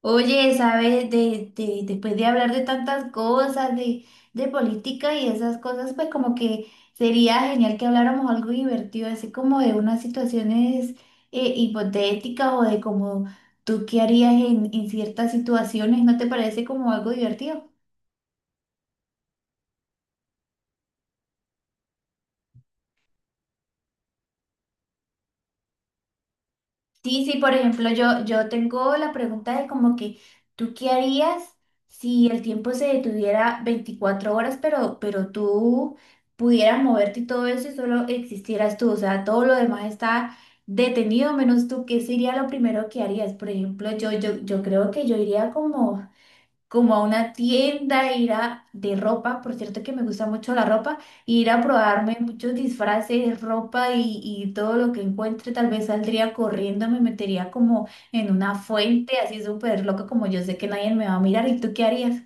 Oye, ¿sabes? Después de hablar de tantas cosas, de política y esas cosas, pues como que sería genial que habláramos algo divertido, así como de unas situaciones hipotéticas o de como tú qué harías en ciertas situaciones, ¿no te parece como algo divertido? Sí, sí, por ejemplo, yo tengo la pregunta de como que, ¿tú qué harías si el tiempo se detuviera 24 horas, pero tú pudieras moverte y todo eso y solo existieras tú? O sea, todo lo demás está detenido menos tú. ¿Qué sería lo primero que harías? Por ejemplo, yo creo que yo iría como a una tienda, ir a de ropa, por cierto que me gusta mucho la ropa, ir a probarme muchos disfraces, ropa y todo lo que encuentre, tal vez saldría corriendo, me metería como en una fuente así súper loca como yo sé que nadie me va a mirar, ¿y tú qué harías?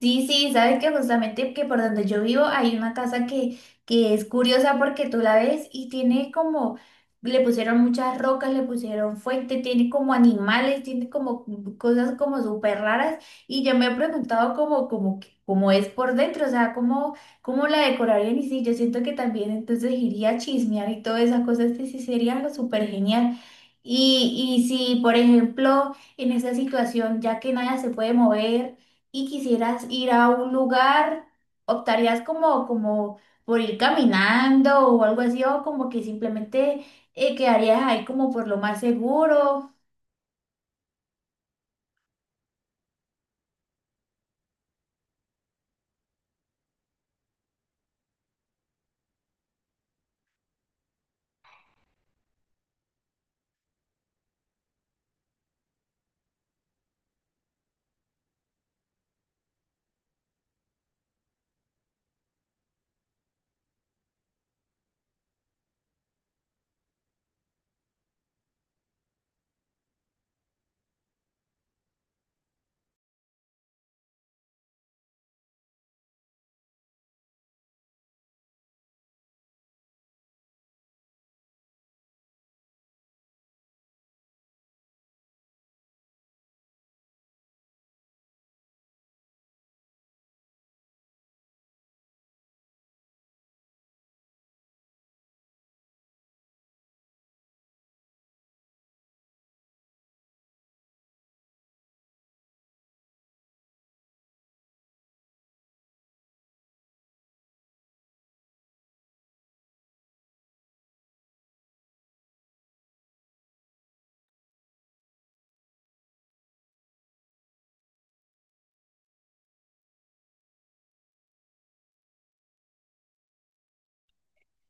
Sí, sí, sabes que justamente que por donde yo vivo hay una casa que es curiosa porque tú la ves y tiene como, le pusieron muchas rocas, le pusieron fuente, tiene como animales, tiene como cosas como súper raras y yo me he preguntado cómo es por dentro, o sea, cómo, cómo la decorarían y sí, yo siento que también entonces iría a chismear y todas esas cosas que sí sería algo súper genial. Si, por ejemplo, en esa situación, ya que nada se puede mover, y quisieras ir a un lugar, optarías como por ir caminando o algo así, o como que simplemente quedarías ahí como por lo más seguro.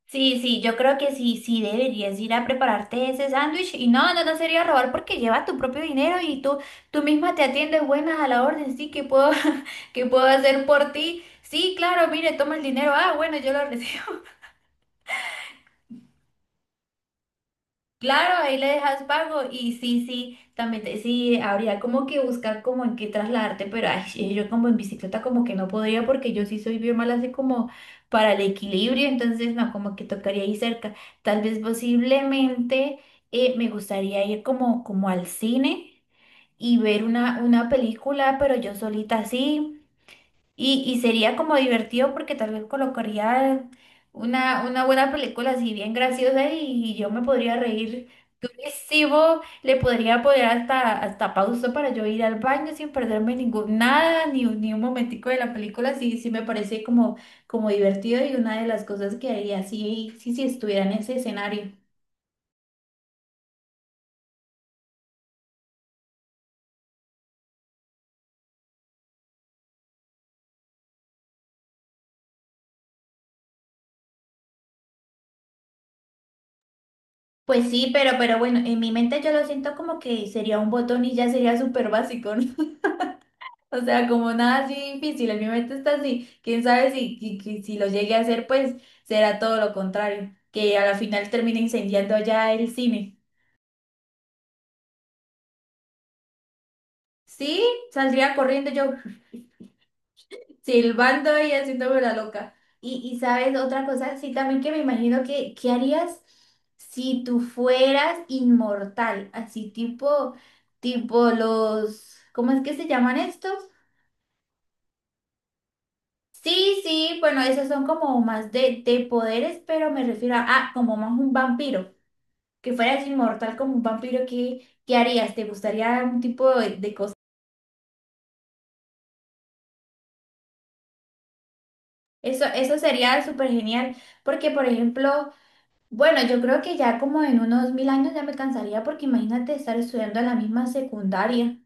Sí, sí, yo creo que sí, sí deberías ir a prepararte ese sándwich y no sería robar porque llevas tu propio dinero y tú misma te atiendes buenas a la orden, sí, ¿qué puedo, qué puedo hacer por ti? Sí, claro, mire, toma el dinero, ah, bueno, yo lo recibo. Claro, ahí le dejas pago y sí, sí, sí, habría como que buscar como en qué trasladarte, pero ay, sí, yo como en bicicleta como que no podría porque yo sí soy bien mala así como para el equilibrio, entonces no, como que tocaría ahí cerca. Tal vez posiblemente me gustaría ir como al cine y ver una película, pero yo solita así. Sería como divertido porque tal vez colocaría una buena película así bien graciosa y, yo me podría reír durísimo, le podría poner hasta pausa para yo ir al baño sin perderme ningún, nada, ni un momentico de la película, sí, sí me parece como, como divertido y una de las cosas que haría sí, sí, sí estuviera en ese escenario. Pues sí, pero bueno, en mi mente yo lo siento como que sería un botón y ya sería súper básico, ¿no? O sea, como nada así difícil, en mi mente está así. Quién sabe que si lo llegue a hacer, pues será todo lo contrario, que a la final termine incendiando allá el cine. Sí, saldría corriendo yo silbando y haciéndome la loca. Sabes, otra cosa, sí, también que me imagino que, ¿qué harías si tú fueras inmortal? Así tipo, tipo los, ¿cómo es que se llaman estos? Sí, sí, bueno, esos son como más de poderes, pero me refiero a, ah, como más un vampiro, que fueras inmortal como un vampiro, ¿qué, qué harías? ¿Te gustaría un tipo de cosa? Eso sería súper genial, porque por ejemplo, bueno, yo creo que ya como en unos 1000 años ya me cansaría, porque imagínate estar estudiando en la misma secundaria.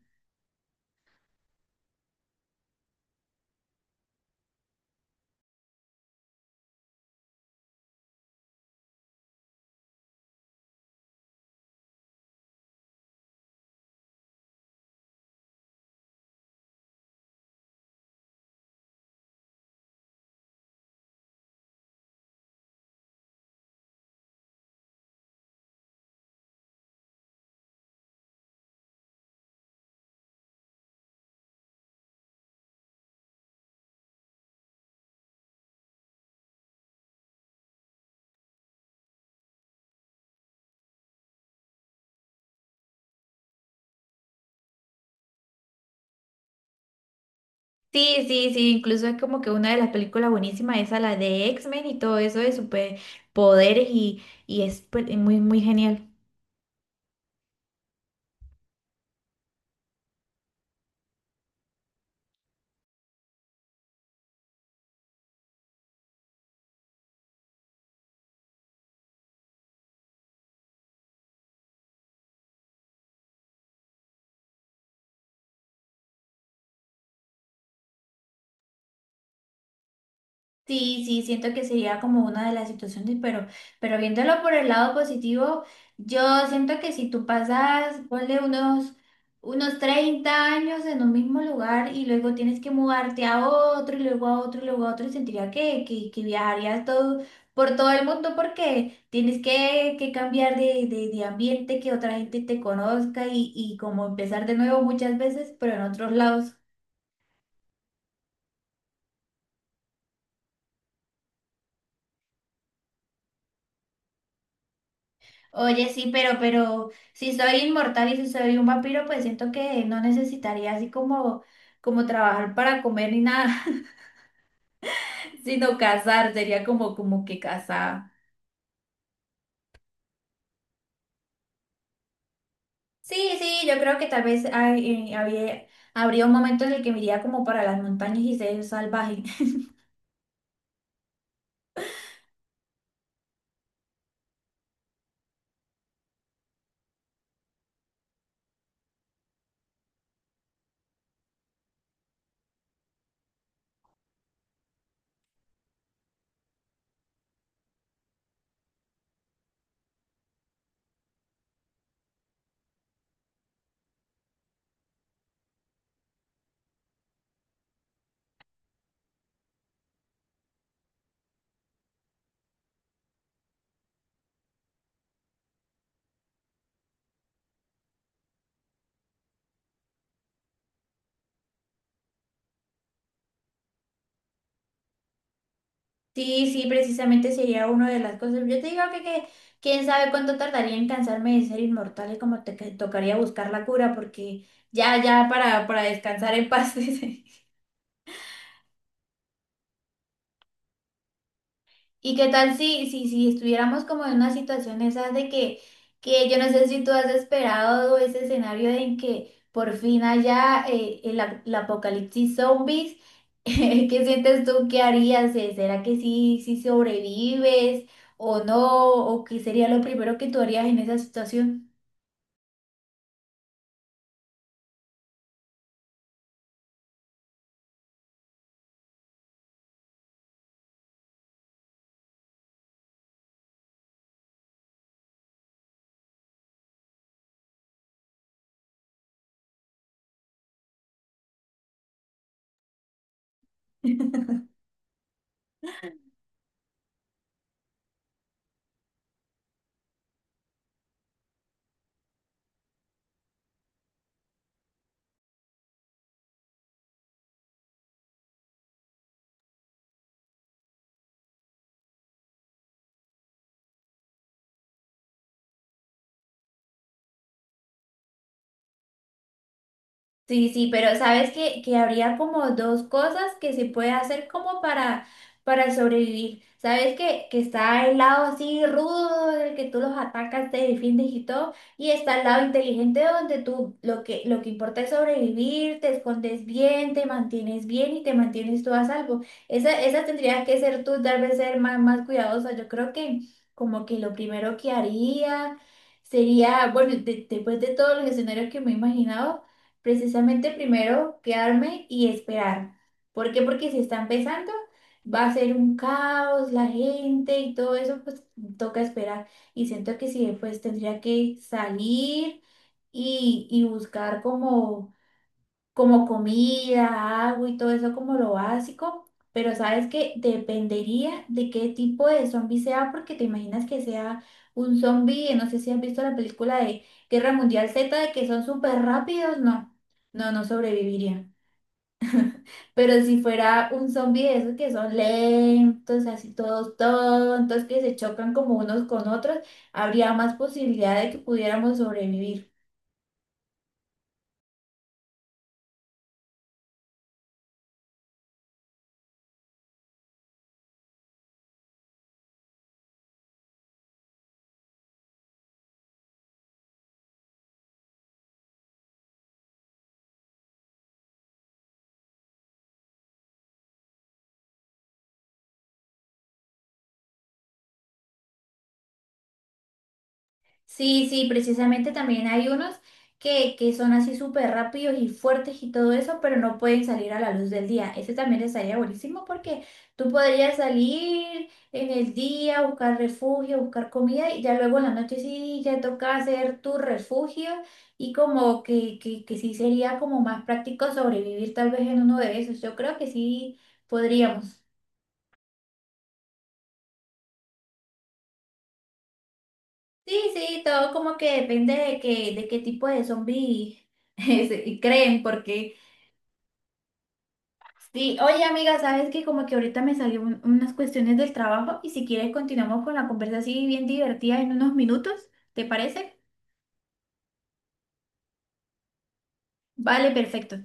Sí, sí, sí, incluso es como que una de las películas buenísimas, esa, la de X-Men y todo eso de superpoderes y es pues, muy, muy genial. Sí, sí, siento que sería como una de las situaciones, pero viéndolo por el lado positivo, yo siento que si tú pasas, ponle unos 30 años en un mismo lugar y luego tienes que mudarte a otro y luego a otro y luego a otro, sentiría que viajarías todo, por todo el mundo porque tienes que cambiar de ambiente, que otra gente te conozca y como empezar de nuevo muchas veces, pero en otros lados. Oye, sí, pero si soy inmortal y si soy un vampiro, pues siento que no necesitaría así como, como trabajar para comer ni nada, sino cazar, sería como, como que cazar. Sí, sí, yo creo que tal vez habría un momento en el que me iría como para las montañas y ser salvaje. Sí, sí, precisamente sería una de las cosas. Yo te digo que quién sabe cuánto tardaría en cansarme de ser inmortal y como te, que tocaría buscar la cura porque ya para descansar en paz. dice. ¿Y qué tal si estuviéramos como en una situación esa de que yo no sé si tú has esperado ese escenario en que por fin haya el apocalipsis zombies? ¿Qué sientes tú qué harías? ¿Será que sí, sí sobrevives o no? ¿O qué sería lo primero que tú harías en esa situación? Sí, sí, pero sabes que habría como dos cosas que se puede hacer como para sobrevivir. Sabes que está el lado así rudo del que tú los atacas, te defiendes y todo, y está el lado inteligente donde tú lo que importa es sobrevivir, te escondes bien, te mantienes bien y te mantienes tú a salvo. Esa tendría que ser tú, tal vez ser más, más cuidadosa. Yo creo que como que lo primero que haría sería, bueno, después de todos los escenarios que me he imaginado, precisamente primero quedarme y esperar. ¿Por qué? Porque si está empezando, va a ser un caos, la gente y todo eso, pues toca esperar. Y siento que sí, pues tendría que salir y buscar como comida, agua y todo eso como lo básico, pero sabes que dependería de qué tipo de zombie sea, porque te imaginas que sea un zombie, no sé si has visto la película de Guerra Mundial Z, de que son súper rápidos, no sobreviviría. Pero si fuera un zombie de esos que son lentos, así todos tontos, que se chocan como unos con otros, habría más posibilidad de que pudiéramos sobrevivir. Sí, sí, precisamente también hay unos que son así súper rápidos y fuertes y todo eso, pero no pueden salir a la luz del día. Ese también estaría buenísimo porque tú podrías salir en el día, buscar refugio, buscar comida y ya luego en la noche sí ya toca hacer tu refugio y como que sí sería como más práctico sobrevivir tal vez en uno de esos. Yo creo que sí podríamos. Sí, sí, todo como que depende de qué tipo de zombie creen, porque... Sí, oye amiga, sabes que como que ahorita me salieron unas cuestiones del trabajo y si quieres continuamos con la conversa así bien divertida en unos minutos, ¿te parece? Vale, perfecto.